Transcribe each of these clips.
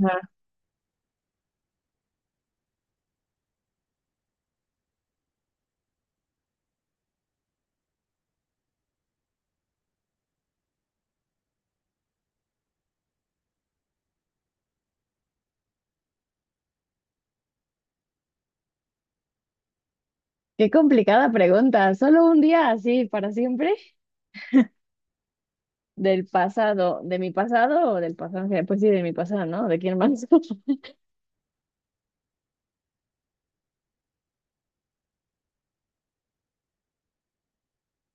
Ajá. Qué complicada pregunta. ¿Solo un día así para siempre del pasado, de mi pasado o del pasado en general? Pues sí, de mi pasado, ¿no? ¿De quién más?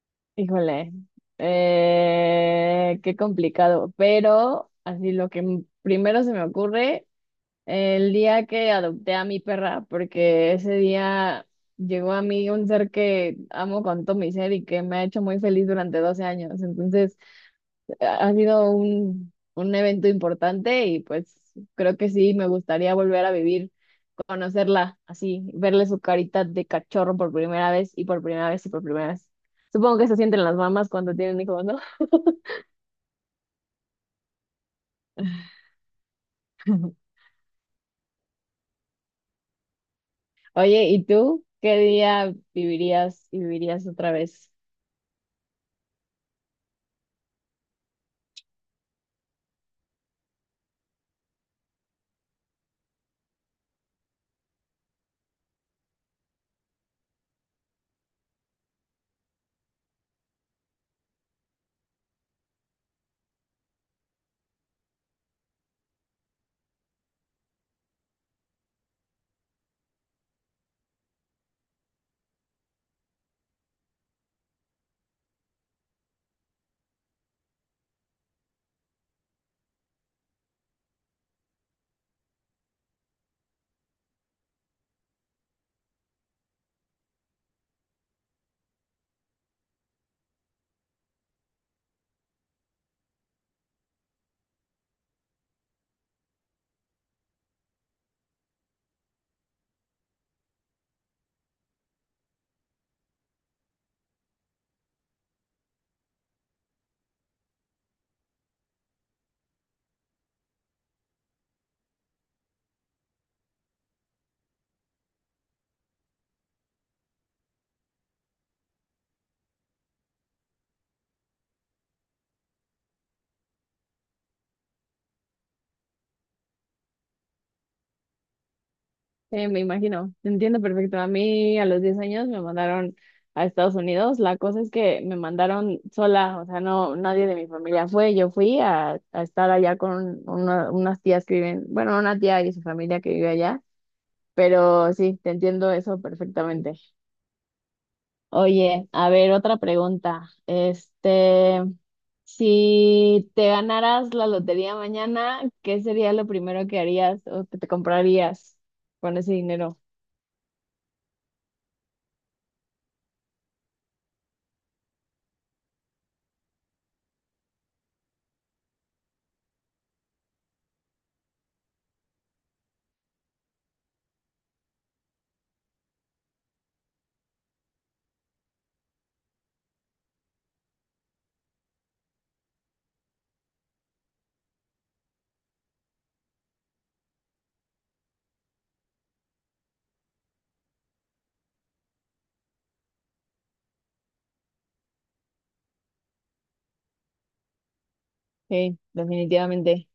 Híjole, qué complicado. Pero así lo que primero se me ocurre, el día que adopté a mi perra, porque ese día llegó a mí un ser que amo con todo mi ser y que me ha hecho muy feliz durante 12 años. Entonces ha sido un evento importante y pues creo que sí, me gustaría volver a vivir, conocerla así, verle su carita de cachorro por primera vez y por primera vez y por primera vez. Supongo que eso sienten las mamás cuando tienen hijos, ¿no? Oye, ¿y tú qué día vivirías y vivirías otra vez? Me imagino, te entiendo perfecto. A mí a los 10 años me mandaron a Estados Unidos. La cosa es que me mandaron sola, o sea, no, nadie de mi familia fue. Yo fui a estar allá con unas tías que viven, bueno, una tía y su familia que vive allá, pero sí, te entiendo eso perfectamente. Oye, a ver, otra pregunta. Este, si te ganaras la lotería mañana, ¿qué sería lo primero que harías o que te comprarías con ese dinero? Sí, definitivamente.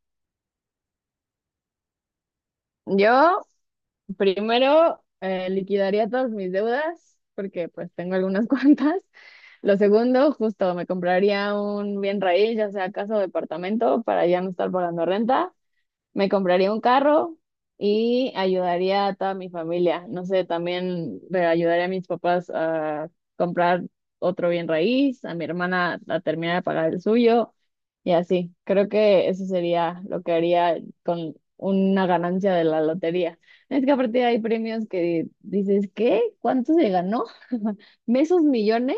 Yo primero liquidaría todas mis deudas porque pues tengo algunas cuantas. Lo segundo, justo me compraría un bien raíz, ya sea casa o departamento, para ya no estar pagando renta. Me compraría un carro y ayudaría a toda mi familia. No sé, también ayudaría a mis papás a comprar otro bien raíz, a mi hermana a terminar de pagar el suyo y así. Creo que eso sería lo que haría con una ganancia de la lotería. Es que aparte hay premios que dices, ¿qué? ¿Cuánto se ganó? ¿Mesos millones?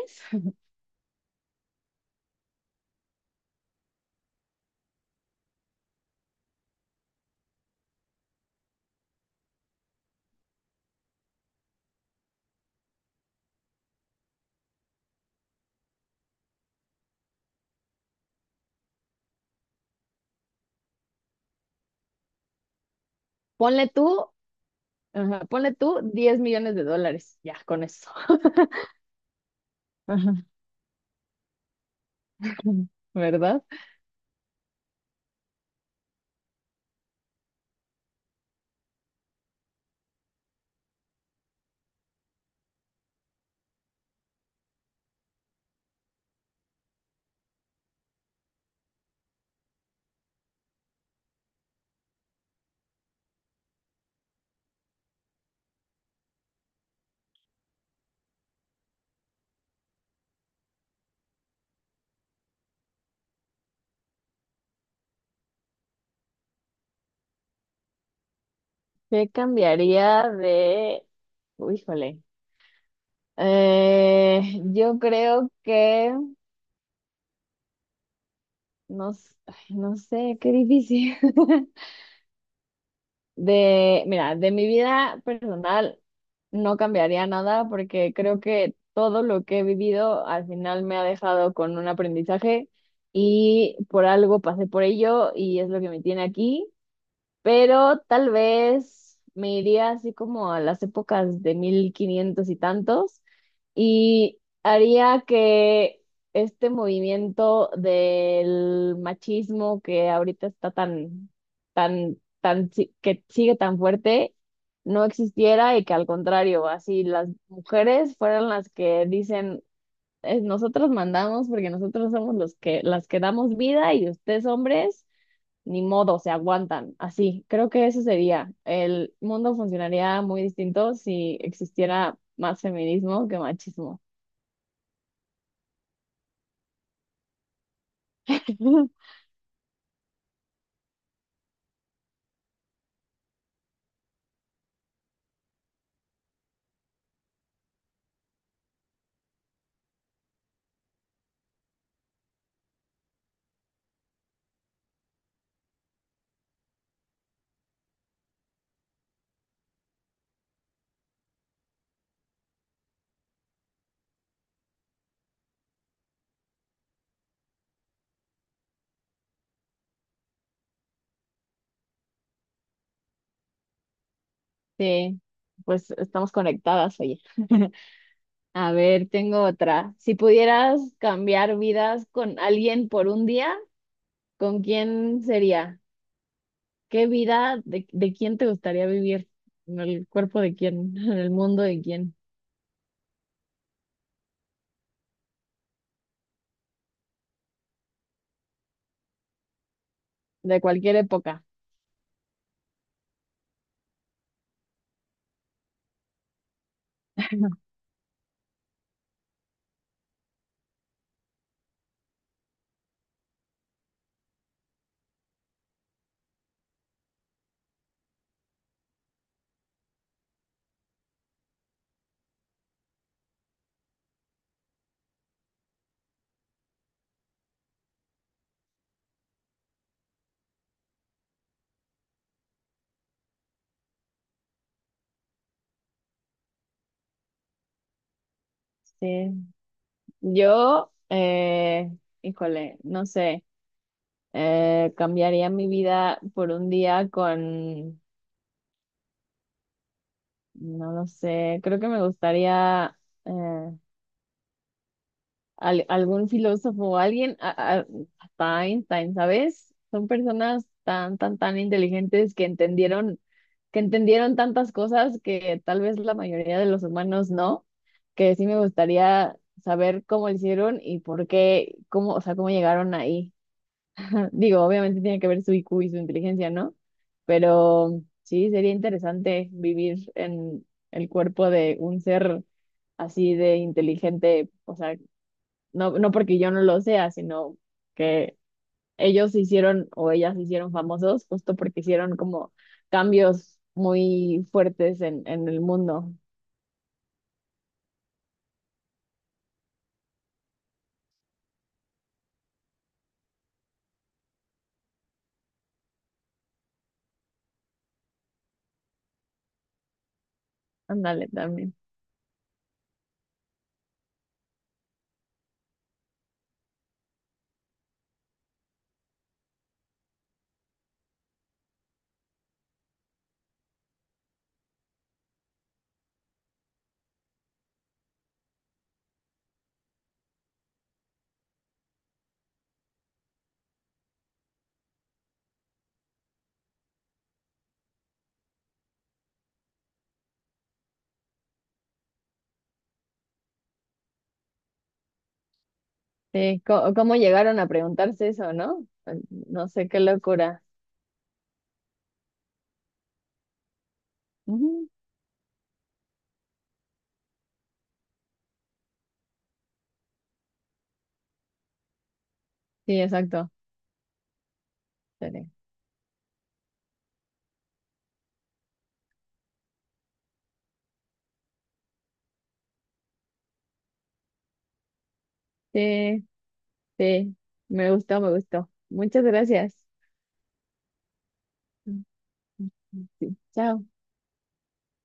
Ponle tú, ajá, ponle tú 10 millones de dólares. Ya, con eso. Ajá. ¿Verdad? ¿Qué cambiaría de... Uy, híjole. Yo creo que... No, ay, no sé, qué difícil. De, mira, de mi vida personal no cambiaría nada porque creo que todo lo que he vivido al final me ha dejado con un aprendizaje y por algo pasé por ello y es lo que me tiene aquí. Pero tal vez me iría así como a las épocas de 1500 y tantos y haría que este movimiento del machismo que ahorita está tan, tan, tan, que sigue tan fuerte, no existiera y que al contrario, así las mujeres fueran las que dicen, nosotros mandamos porque nosotros somos los que, las que damos vida y ustedes hombres ni modo, se aguantan". Así, creo que eso sería. El mundo funcionaría muy distinto si existiera más feminismo que machismo. Sí, pues estamos conectadas, oye. A ver, tengo otra. Si pudieras cambiar vidas con alguien por un día, ¿con quién sería? ¿Qué vida de quién te gustaría vivir? ¿En el cuerpo de quién? ¿En el mundo de quién? De cualquier época. Sí. Yo, híjole, no sé. Cambiaría mi vida por un día con, no lo sé, creo que me gustaría eh, algún filósofo o alguien, hasta Einstein, ¿sabes? Son personas tan, tan, tan inteligentes que entendieron tantas cosas que tal vez la mayoría de los humanos no, que sí me gustaría saber cómo lo hicieron y por qué, cómo, o sea, cómo llegaron ahí. Digo, obviamente tiene que ver su IQ y su inteligencia, ¿no? Pero sí, sería interesante vivir en el cuerpo de un ser así de inteligente, o sea, no, no porque yo no lo sea, sino que ellos se hicieron o ellas se hicieron famosos justo porque hicieron como cambios muy fuertes en el mundo. Ándale, también. Sí, ¿cómo llegaron a preguntarse eso, no? No sé, qué locura. Ujú. Sí, exacto. Sí. Sí, me gustó, me gustó. Muchas gracias. Sí, chao.